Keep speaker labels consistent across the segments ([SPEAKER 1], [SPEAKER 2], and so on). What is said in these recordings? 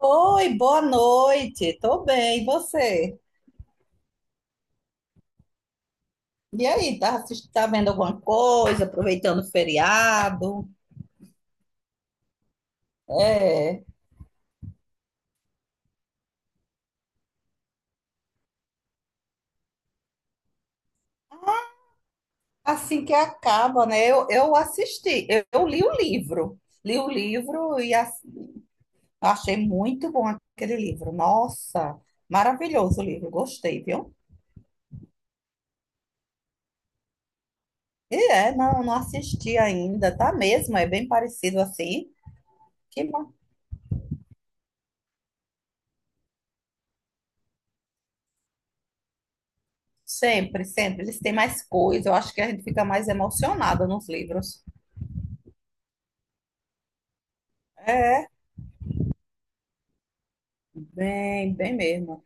[SPEAKER 1] Oi, boa noite. Tô bem, e você? E aí, tá, tá vendo alguma coisa, aproveitando o feriado? É, assim que acaba, né? Eu assisti, eu li o livro. Li o livro e achei muito bom aquele livro. Nossa, maravilhoso o livro, gostei, viu? E é, não assisti ainda, tá mesmo? É bem parecido assim. Que bom. Sempre, sempre. Eles têm mais coisa, eu acho que a gente fica mais emocionada nos livros. É, bem, bem mesmo.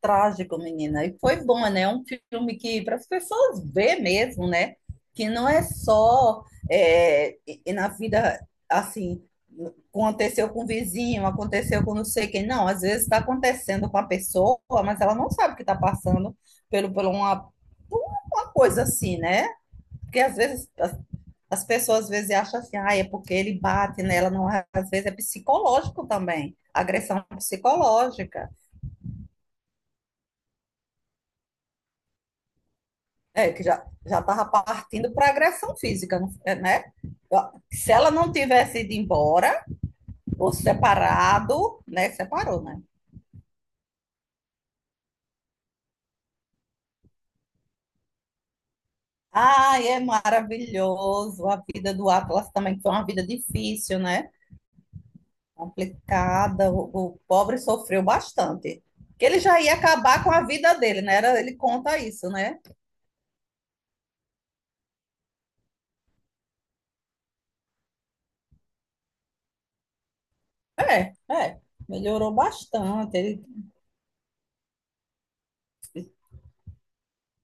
[SPEAKER 1] Trágico, menina. E foi bom, né? É um filme que para as pessoas ver mesmo, né? Que não é só é, e na vida assim, aconteceu com o vizinho, aconteceu com não sei quem. Não, às vezes está acontecendo com a pessoa, mas ela não sabe que está passando pelo, por uma, por uma coisa assim, né? Porque às vezes as pessoas às vezes acham assim, ah, é porque ele bate nela, não é, às vezes é psicológico também, agressão psicológica, é, que já já estava partindo para agressão física, né? Se ela não tivesse ido embora, ou separado, né? Separou, né? Ai, é maravilhoso a vida do Atlas também, foi uma vida difícil, né? Complicada, o pobre sofreu bastante. Que ele já ia acabar com a vida dele, né? Era, ele conta isso, né? É, é, melhorou bastante. Ele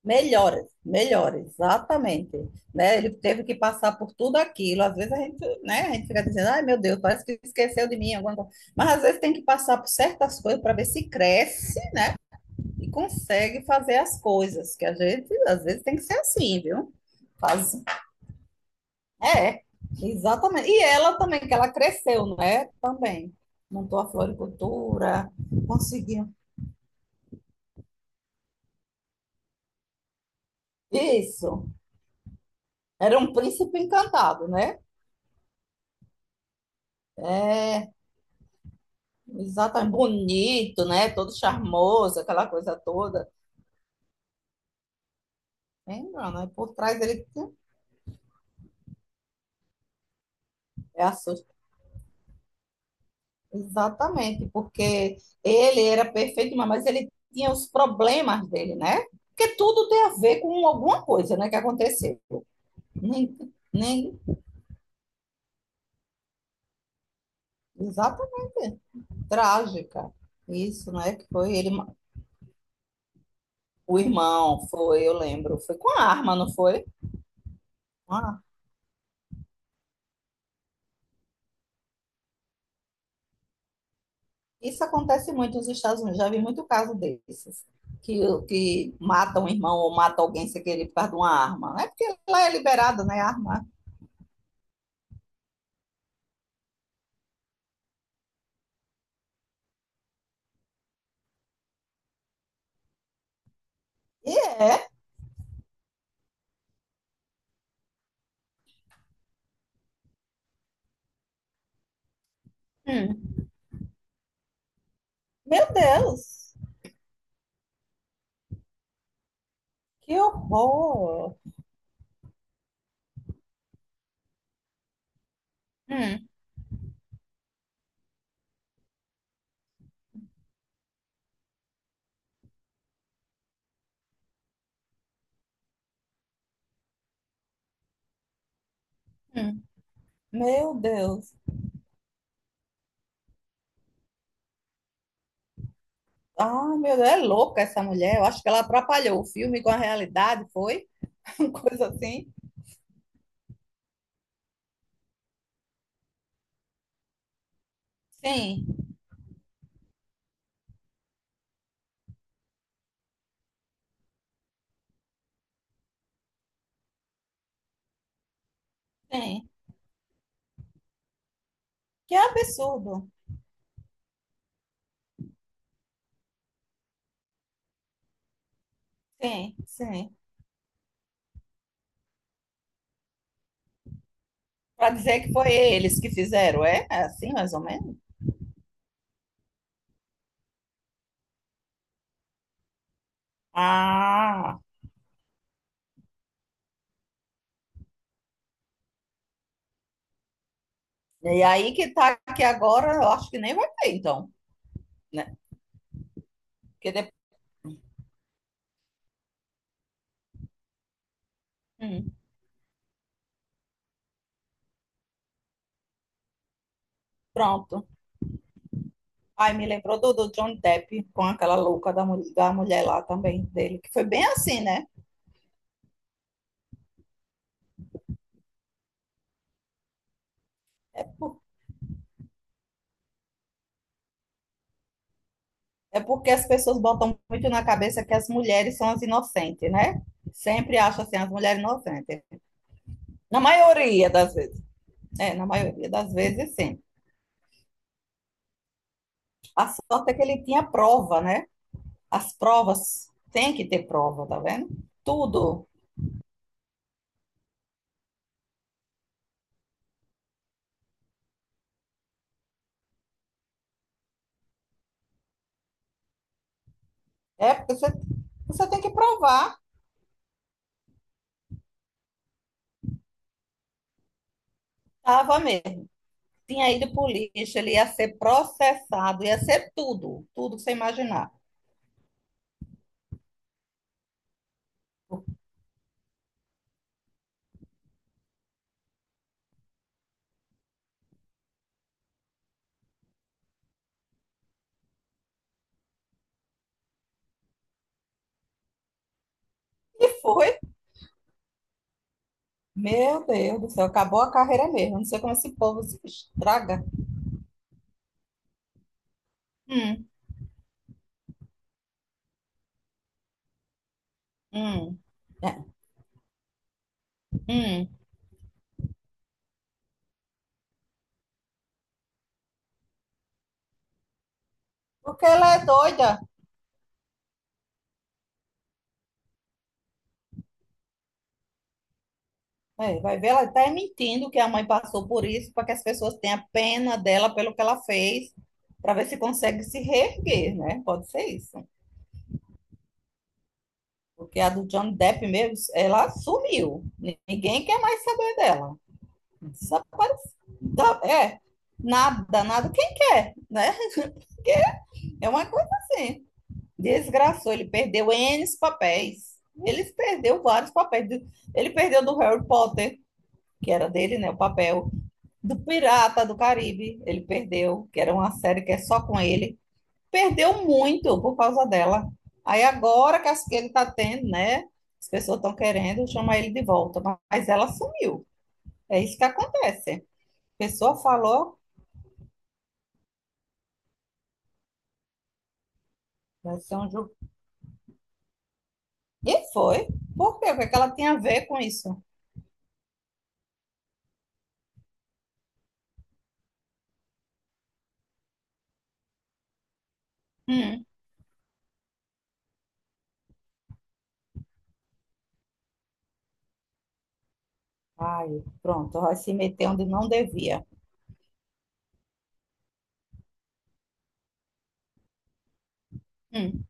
[SPEAKER 1] melhora, melhora, exatamente. Né? Ele teve que passar por tudo aquilo. Às vezes a gente, né, a gente fica dizendo, ai meu Deus, parece que esqueceu de mim alguma coisa. Mas às vezes tem que passar por certas coisas para ver se cresce e consegue fazer as coisas. Que a gente, às vezes, tem que ser assim, viu? Faz... É, exatamente. E ela também, que ela cresceu, né? Também. Montou a floricultura, conseguiu. Isso. Era um príncipe encantado, né? Exatamente, bonito, né? Todo charmoso, aquela coisa toda. Lembra, né? Por trás ele tinha- é assust... Exatamente, porque ele era perfeito, mas ele tinha os problemas dele, né? Porque tudo tem a ver com alguma coisa, né, que aconteceu. Nem, nem, exatamente, trágica. Isso, né? Que foi ele, ma- o irmão, foi, eu lembro, foi com a arma, não foi? Isso acontece muito nos Estados Unidos, já vi muito caso desses, que, que matam um irmão ou matam alguém sem querer por causa de uma arma. Não é porque lá é liberado, né, a arma. E é. Hum. Meu Deus, que horror. Hum, hum. Meu Deus. Ah, meu Deus, é louca essa mulher. Eu acho que ela atrapalhou o filme com a realidade, foi? Uma coisa assim. Sim, sim. Que absurdo. Sim, sim. Para dizer que foi eles que fizeram, é? É assim, mais ou menos? Ah, e aí que tá aqui agora, eu acho que nem vai ter, então, né? Porque depois. Hum, pronto. Aí me lembrou do, do Johnny Depp com aquela da mulher lá também dele, que foi bem assim, né? É porque as pessoas botam muito na cabeça que as mulheres são as inocentes, né? Sempre acham assim, as mulheres inocentes. Na maioria das vezes. É, na maioria das vezes, sim. A sorte é que ele tinha prova, né? As provas, tem que ter prova, tá vendo? Tudo. É, porque você, você tem que provar. Tava mesmo. Tinha ido pro lixo, ele ia ser processado, ia ser tudo, tudo que você imaginar. E foi. Meu Deus do céu, acabou a carreira mesmo. Não sei como esse povo se estraga. Hum, hum, É, hum. Porque ela é doida. É, vai ver, ela está mentindo que a mãe passou por isso, para que as pessoas tenham pena dela pelo que ela fez, para ver se consegue se reerguer, né? Pode ser isso. Porque a do Johnny Depp mesmo, ela sumiu. Ninguém quer mais saber dela. Desapareceu. É, nada, nada. Quem quer, né? Porque é uma coisa assim. Desgraçou, ele perdeu N papéis. Ele perdeu vários papéis. Ele perdeu do Harry Potter, que era dele, né? O papel. Do Pirata do Caribe, ele perdeu, que era uma série que é só com ele perdeu muito por causa dela. Aí agora que que ele está tendo, né? As pessoas estão querendo chamar ele de volta, mas ela sumiu. É isso que acontece. A pessoa falou, vai ser um jogo. E foi. Por quê? O que é que ela tinha a ver com isso? Hum. Ai, pronto, vai se meter onde não devia. Hum.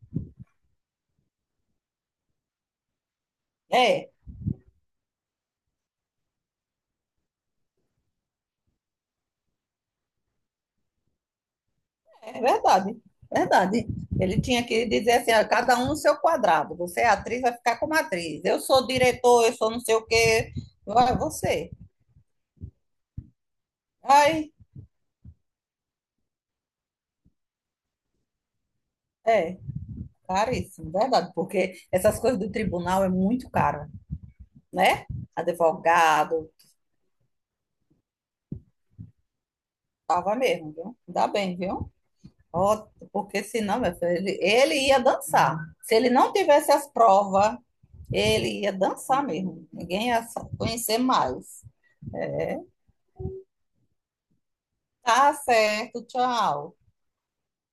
[SPEAKER 1] É, é verdade. Verdade. Ele tinha que dizer assim, ó, cada um no seu quadrado. Você é atriz, vai ficar como atriz. Eu sou diretor, eu sou não sei o quê. Vai você. Ai, É, caríssimo, verdade, porque essas coisas do tribunal é muito caro, né? Advogado, tava mesmo, viu? Ainda bem, viu? Ó, porque senão, meu filho, ele ia dançar. Se ele não tivesse as provas, ele ia dançar mesmo. Ninguém ia conhecer mais. Tá certo, tchau.